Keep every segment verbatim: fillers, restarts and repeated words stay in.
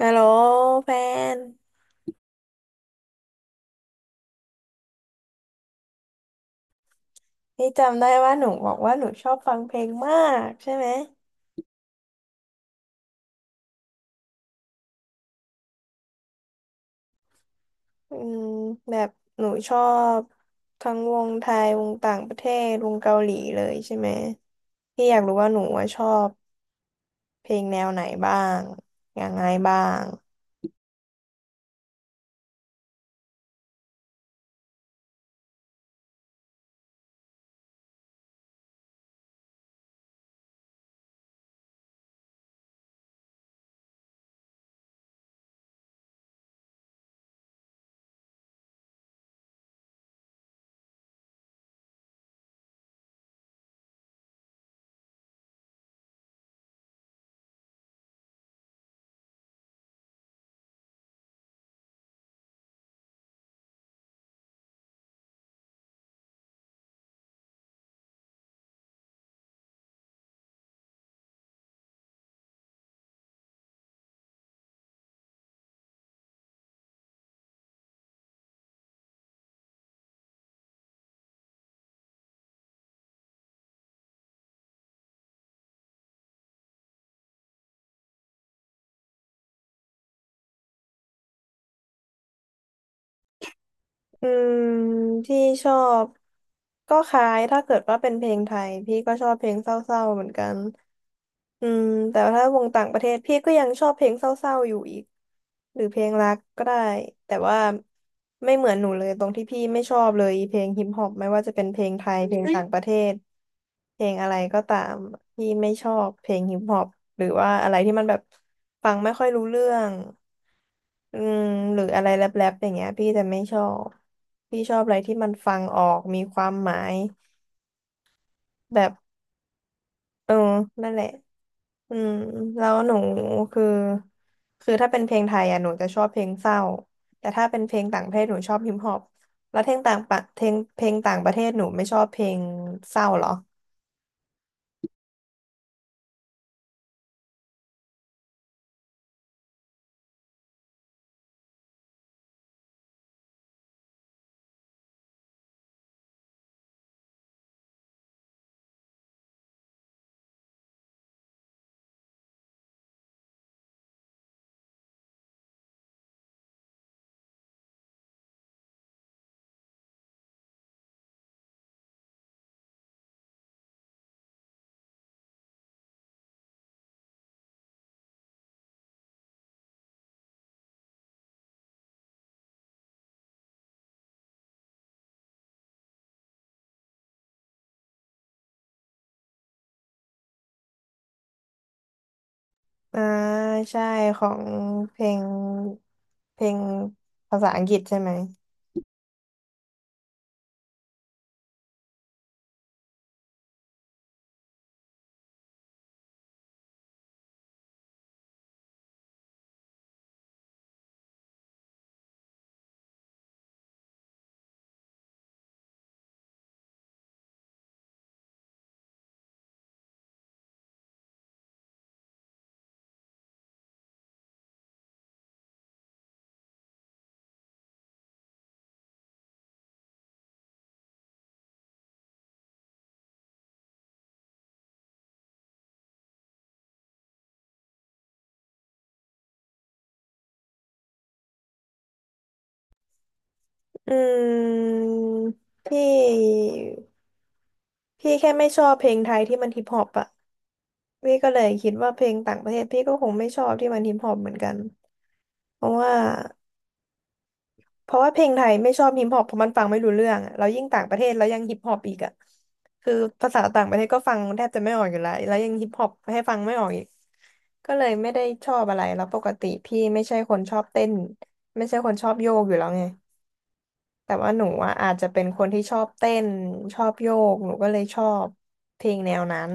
ฮัลโหลแฟนนี่จำได้ว่าหนูบอกว่าหนูชอบฟังเพลงมากใช่ไหมอืมแบบหนูชอบทั้งวงไทย วงต่างประเทศ วงเกาหลีเลยใช่ไหม พี่อยากรู้ว่าหนูว่าชอบเพลงแนวไหนบ้างยังไงบ้าง อืมพี่ชอบก็คล้ายถ้าเกิดว่าเป็นเพลงไทยพี่ก็ชอบเพลงเศร้าๆเหมือนกันอืมแต่ว่าถ้าวงต่างประเทศพี่ก็ยังชอบเพลงเศร้าๆอยู่อีกหรือเพลงรักก็ได้แต่ว่าไม่เหมือนหนูเลยตรงที่พี่ไม่ชอบเลยเพลงฮิปฮอปไม่ว่าจะเป็นเพลงไทยเพลงต่างประเทศเพลงอะไรก็ตามพี่ไม่ชอบเพลงฮิปฮอปหรือว่าอะไรที่มันแบบฟังไม่ค่อยรู้เรื่อง อืมหรืออะไรแรปๆอย่างเงี้ยพี่จะไม่ชอบพี่ชอบอะไรที่มันฟังออกมีความหมายแบบเออนั่นแหละอืมแล้วหนูคือคือถ้าเป็นเพลงไทยอ่ะหนูจะชอบเพลงเศร้าแต่ถ้าเป็นเพลงต่างประเทศหนูชอบฮิปฮอปแล้วเพลงต่างประเพลงเพลงต่างประเทศหนูไม่ชอบเพลงเศร้าเหรออ่าใช่ของเพลงเพลงภาษาอังกฤษใช่ไหมอืมพี่ พี่แค่ไม่ชอบเพลงไทยที่มันฮิปฮอปอะพี่ก็เลยคิดว่าเพลงต่างประเทศพี่ก็คงไม่ชอบที่มันฮิปฮอปเหมือนกันเพราะว่าเพราะว่าเพลงไทยไม่ชอบฮิปฮอปเพราะมันฟังไม่รู้เรื่องอะแล้วยิ่งต่างประเทศแล้วยังฮิปฮอปอีกอะคือภาษาต่างประเทศก็ฟังแทบจะไม่ออกอยู่แล้วแล้วยังฮิปฮอปให้ฟังไม่ออกอีกก็เลยไม่ได้ชอบอะไรแล้วปกติพี่ไม่ใช่คนชอบเต้นไม่ใช่คนชอบโยกอยู่แล้วไง แต่ว่าหนูอะอาจจะเป็นคนที่ชอบเต้นชอบโยกหนูก็เลยชอบเพลงแนวนั้น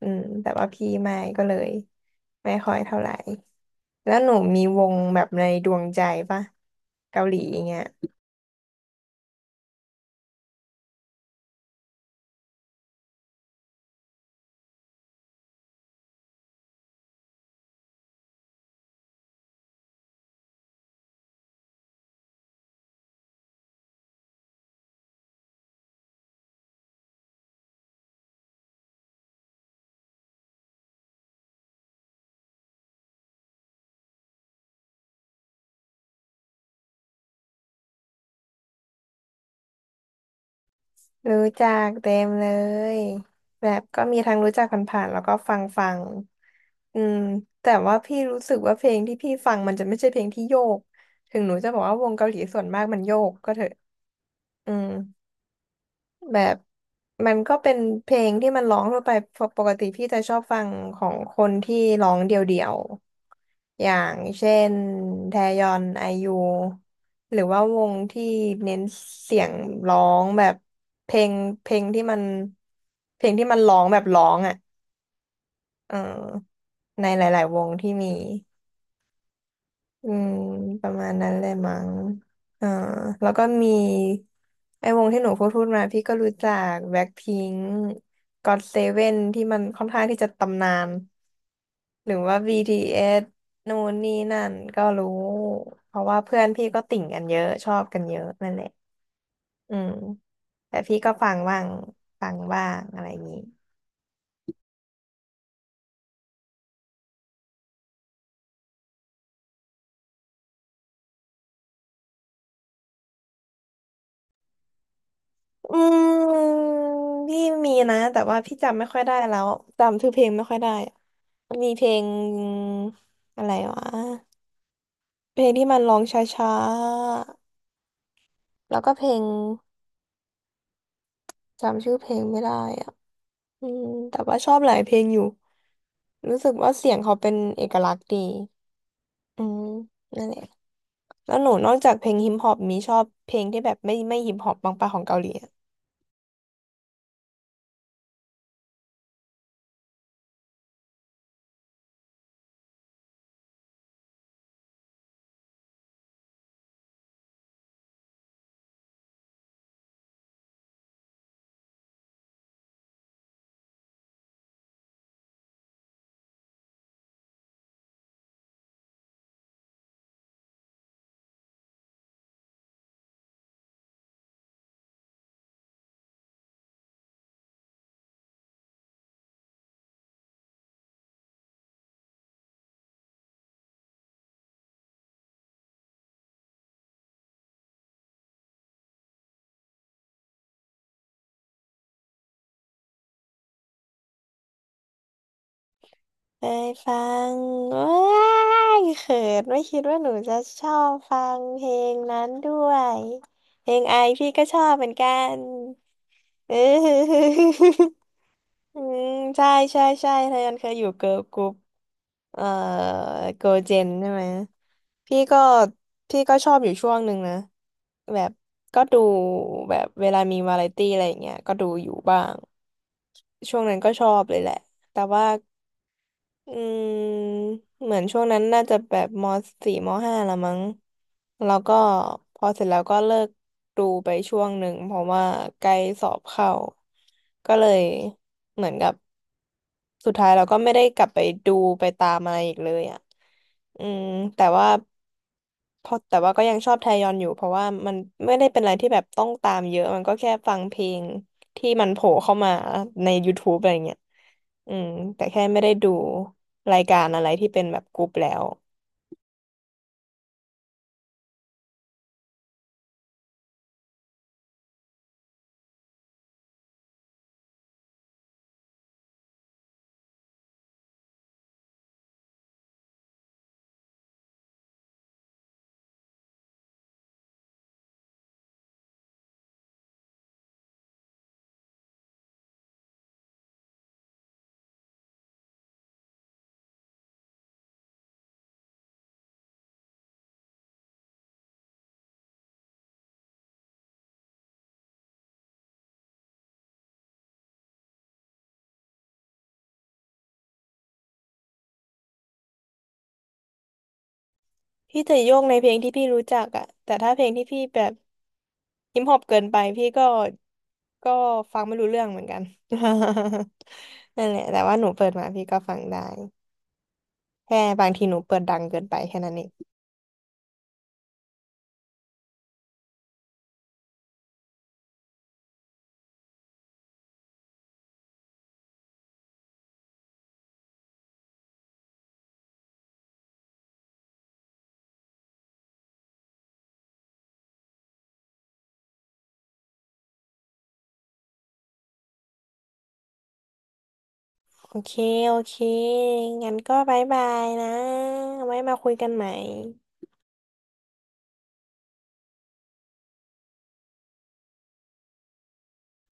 อืมแต่ว่าพี่ไม่ก็เลยไม่ค่อยเท่าไหร่แล้วหนูมีวงแบบในดวงใจปะเกาหลีอย่างเงี้ยรู้จักเต็มเลยแบบก็มีทั้งรู้จักผ่านๆแล้วก็ฟังฟังอืมแต่ว่าพี่รู้สึกว่าเพลงที่พี่ฟังมันจะไม่ใช่เพลงที่โยกถึงหนูจะบอกว่าวงเกาหลีส่วนมากมันโยกก็เถอะอืม แบบมันก็เป็นเพลงที่มันร้องทั่วไปปกปกติพี่จะชอบฟังของคนที่ร้องเดี่ยวๆอย่างเช่นแทยอนไอยูหรือว่าวงที่เน้นเสียงร้องแบบเพลงเพลงที่มันเพลงที่มันร้องแบบร้องอ่ะเออในหลายๆวงที่มี อืมประมาณนั้นเลยมั้งอ่าแล้วก็มีไอ้วงที่หนูพูดพูดมาพี่ก็รู้จักแบ็คพิงค์ก็อตเซเว่นที่มันค่อนข้างที่จะตำนานหรือว่า บี ที เอส นู่นนี่นั่นก็รู้เพราะว่าเพื่อนพี่ก็ติ่งกันเยอะชอบกันเยอะนั่นแหละอืมแต่พี่ก็ฟังบ้างฟังบ้างอะไรอย่างนี้อืมพี่มีนะแต่ว่าพี่จำไม่ค่อยได้แล้วจำชื่อเพลงไม่ค่อยได้ มีเพลงอะไรวะเพลงที่มันร้องช้าๆแล้วก็เพลงจำชื่อเพลงไม่ได้อ่ะอืมแต่ว่าชอบหลายเพลงอยู่รู้สึกว่าเสียงเขาเป็นเอกลักษณ์ดีอืมนั่นแหละแล้วหนูนอกจากเพลงฮิปฮอปมีชอบเพลงที่แบบไม่ไม่ฮิปฮอปบ้างปะของเกาหลี เคยฟังว้ายเขินไม่คิดว่าหนูจะชอบฟังเพลงนั้นด้วยเพลงไอพี่ก็ชอบเหมือนกัน เอออืมใช่ใช่ใช่เธอยันเคยอยู่เกิร์ลกรุ๊ปเอ่อเกิร์ลเจนใช่ไหมพี่ก็พี่ก็ชอบอยู่ช่วงหนึ่งนะแบบก็ดูแบบเวลามีวาไรตี้อะไรอย่างเงี้ยก็ดูอยู่บ้างช่วงนั้นก็ชอบเลยแหละแต่ว่า อืมเหมือนช่วงนั้นน่าจะแบบมสี่มห้าละมั้งแล้วก็พอเสร็จแล้วก็เลิกดูไปช่วงหนึ่งเพราะว่าใกล้สอบเข้าก็เลยเหมือนกับสุดท้ายเราก็ไม่ได้กลับไปดูไปตามอะไรอีกเลยอ่ะอืมแต่ว่า เพราะแต่ว่าก็ยังชอบไทยยอนอยู่เพราะว่ามันไม่ได้เป็นอะไรที่แบบต้องตามเยอะมันก็แค่ฟังเพลงที่มันโผล่เข้ามาใน y o u ูบอะไรเงี้ยอืมแต่แค่ไม่ได้ดูรายการอะไรที่เป็นแบบกรุ๊ปแล้วพี่จะโยกในเพลงที่พี่รู้จักอะแต่ถ้าเพลงที่พี่แบบฮิปฮอปเกินไปพี่ก็ก็ฟังไม่รู้เรื่องเหมือนกัน นั่นแหละแต่ว่าหนูเปิดมาพี่ก็ฟังได้แค่บางทีหนูเปิดดังเกินไปแค่นั้นเอง โอเค โอเค งั้นก็บายบายนะไว้มาคุยกันใหม่